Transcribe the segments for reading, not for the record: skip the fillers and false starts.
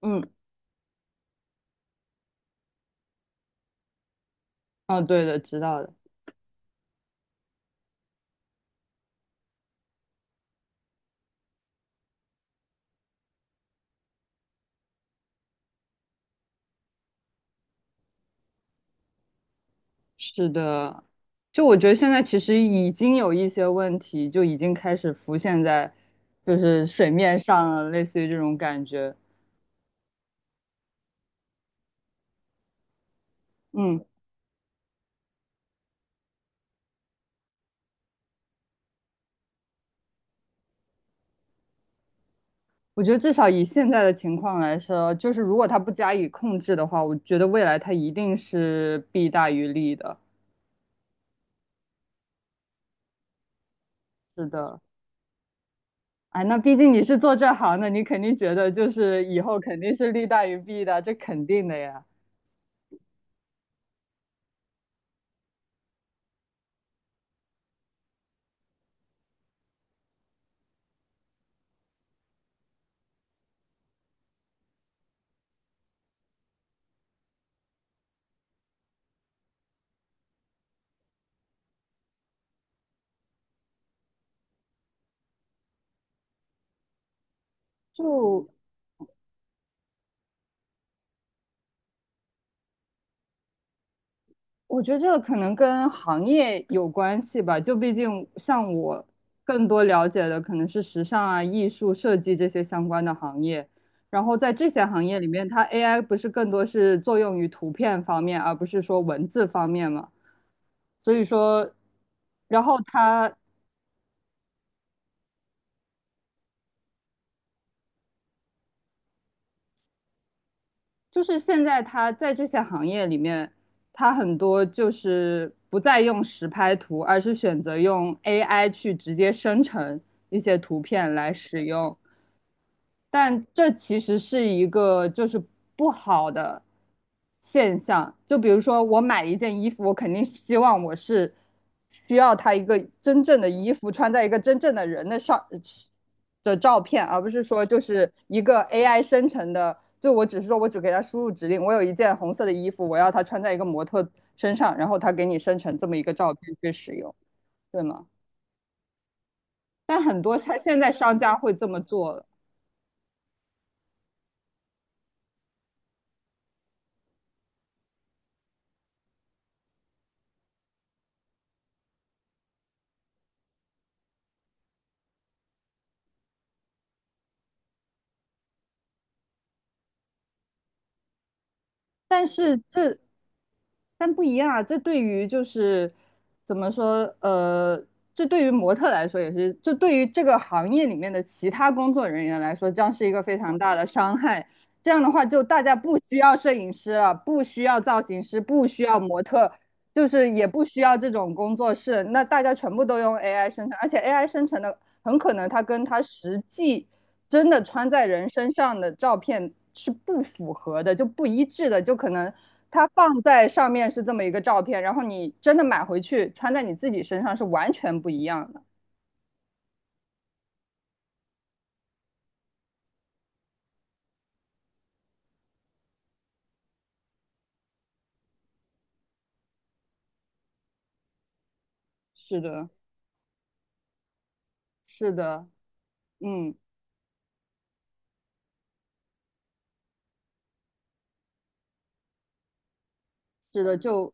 嗯，哦，对的，知道的。是的，就我觉得现在其实已经有一些问题，就已经开始浮现在就是水面上了，类似于这种感觉。嗯，我觉得至少以现在的情况来说，就是如果它不加以控制的话，我觉得未来它一定是弊大于利的。是的，哎，那毕竟你是做这行的，你肯定觉得就是以后肯定是利大于弊的，这肯定的呀。就我觉得这个可能跟行业有关系吧，就毕竟像我更多了解的可能是时尚啊、艺术、设计这些相关的行业，然后在这些行业里面，它 AI 不是更多是作用于图片方面，而不是说文字方面嘛。所以说，然后它就是现在它在这些行业里面，它很多就是不再用实拍图，而是选择用 AI 去直接生成一些图片来使用。但这其实是一个就是不好的现象。就比如说，我买一件衣服，我肯定希望我是需要它一个真正的衣服，穿在一个真正的人的上的照片，而不是说就是一个 AI 生成的。就我只是说我只给它输入指令，我有一件红色的衣服，我要它穿在一个模特身上，然后它给你生成这么一个照片去使用，对吗？但很多它现在商家会这么做了。但是这，但不一样啊，这对于就是怎么说，这对于模特来说也是，这对于这个行业里面的其他工作人员来说，将是一个非常大的伤害。这样的话，就大家不需要摄影师了，不需要造型师，不需要模特，就是也不需要这种工作室，那大家全部都用 AI 生成，而且 AI 生成的很可能它跟它实际。真的穿在人身上的照片是不符合的，就不一致的，就可能它放在上面是这么一个照片，然后你真的买回去穿在你自己身上是完全不一样的。是的，是的，嗯，是的，就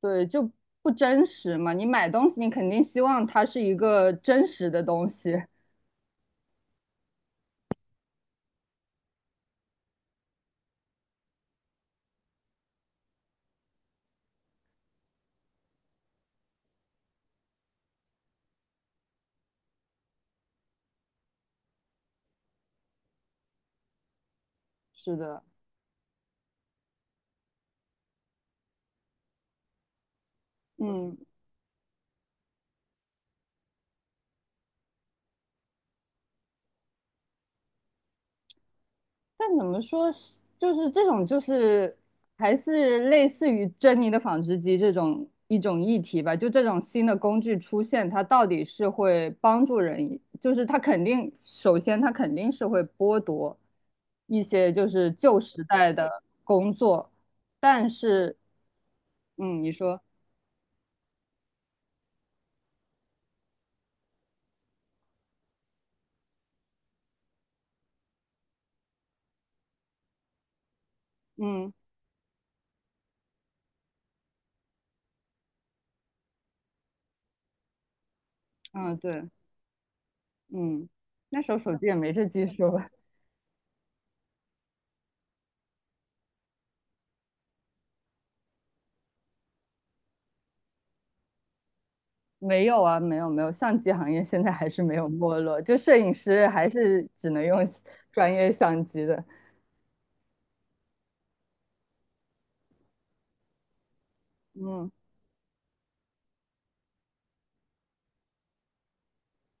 对，就不真实嘛。你买东西，你肯定希望它是一个真实的东西。是的，嗯。但怎么说是，就是这种就是还是类似于珍妮的纺织机这种一种议题吧。就这种新的工具出现，它到底是会帮助人，就是它肯定，首先它肯定是会剥夺一些就是旧时代的工作，但是，嗯，你说，嗯嗯对，嗯，那时候手机也没这技术吧？没有啊，没有没有，相机行业现在还是没有没落，就摄影师还是只能用专业相机的。嗯，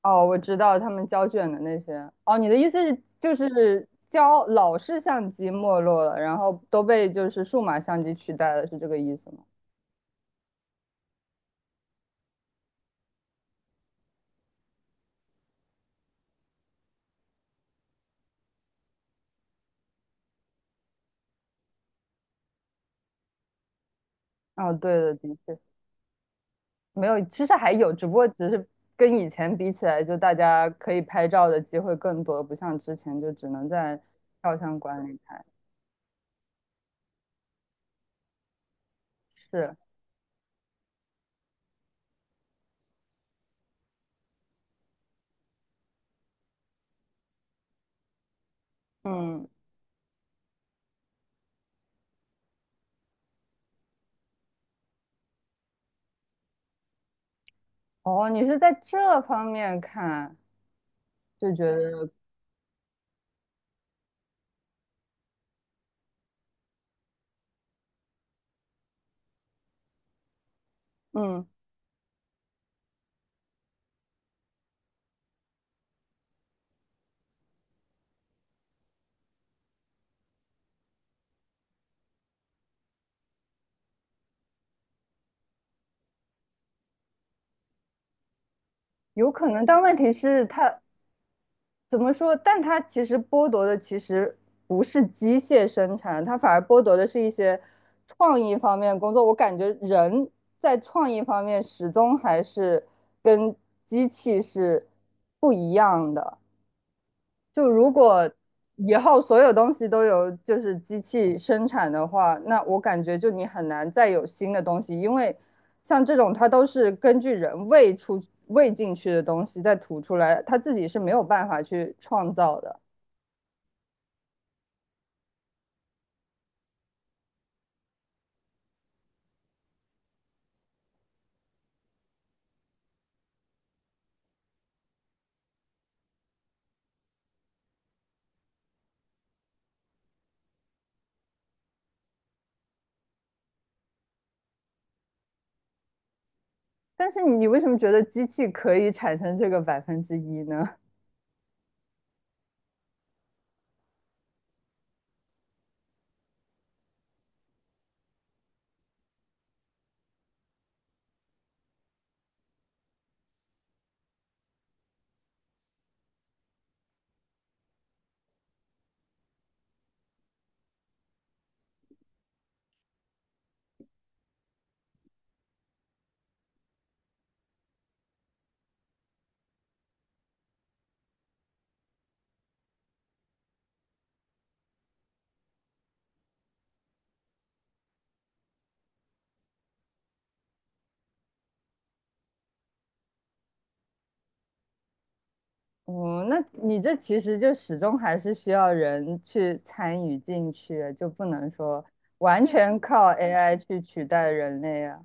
哦，我知道他们胶卷的那些。哦，你的意思是就是胶老式相机没落了，然后都被就是数码相机取代了，是这个意思吗？哦，对的，的确没有，其实还有，只不过只是跟以前比起来，就大家可以拍照的机会更多，不像之前就只能在照相馆里拍。是，嗯。哦，你是在这方面看，就觉得，嗯，有可能，但问题是它怎么说？但它其实剥夺的其实不是机械生产，它反而剥夺的是一些创意方面的工作。我感觉人在创意方面始终还是跟机器是不一样的。就如果以后所有东西都由就是机器生产的话，那我感觉就你很难再有新的东西，因为像这种它都是根据人喂出喂进去的东西再吐出来，它自己是没有办法去创造的。但是你为什么觉得机器可以产生这个1%呢？哦，那你这其实就始终还是需要人去参与进去，就不能说完全靠 AI 去取代人类啊。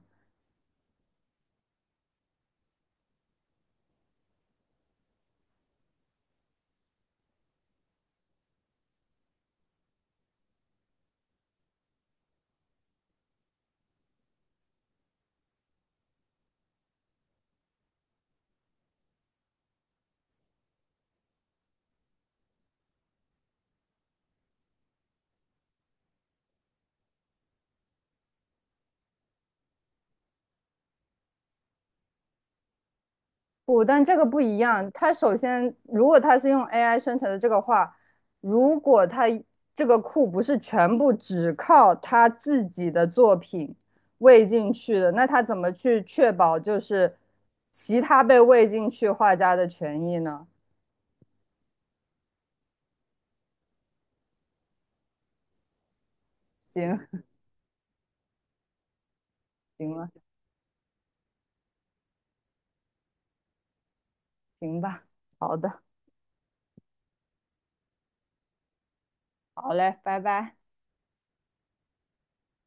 不，但这个不一样。它首先，如果它是用 AI 生成的这个话，如果它这个库不是全部只靠他自己的作品喂进去的，那他怎么去确保就是其他被喂进去画家的权益呢？行，行了，行吧，好的，好嘞，拜拜。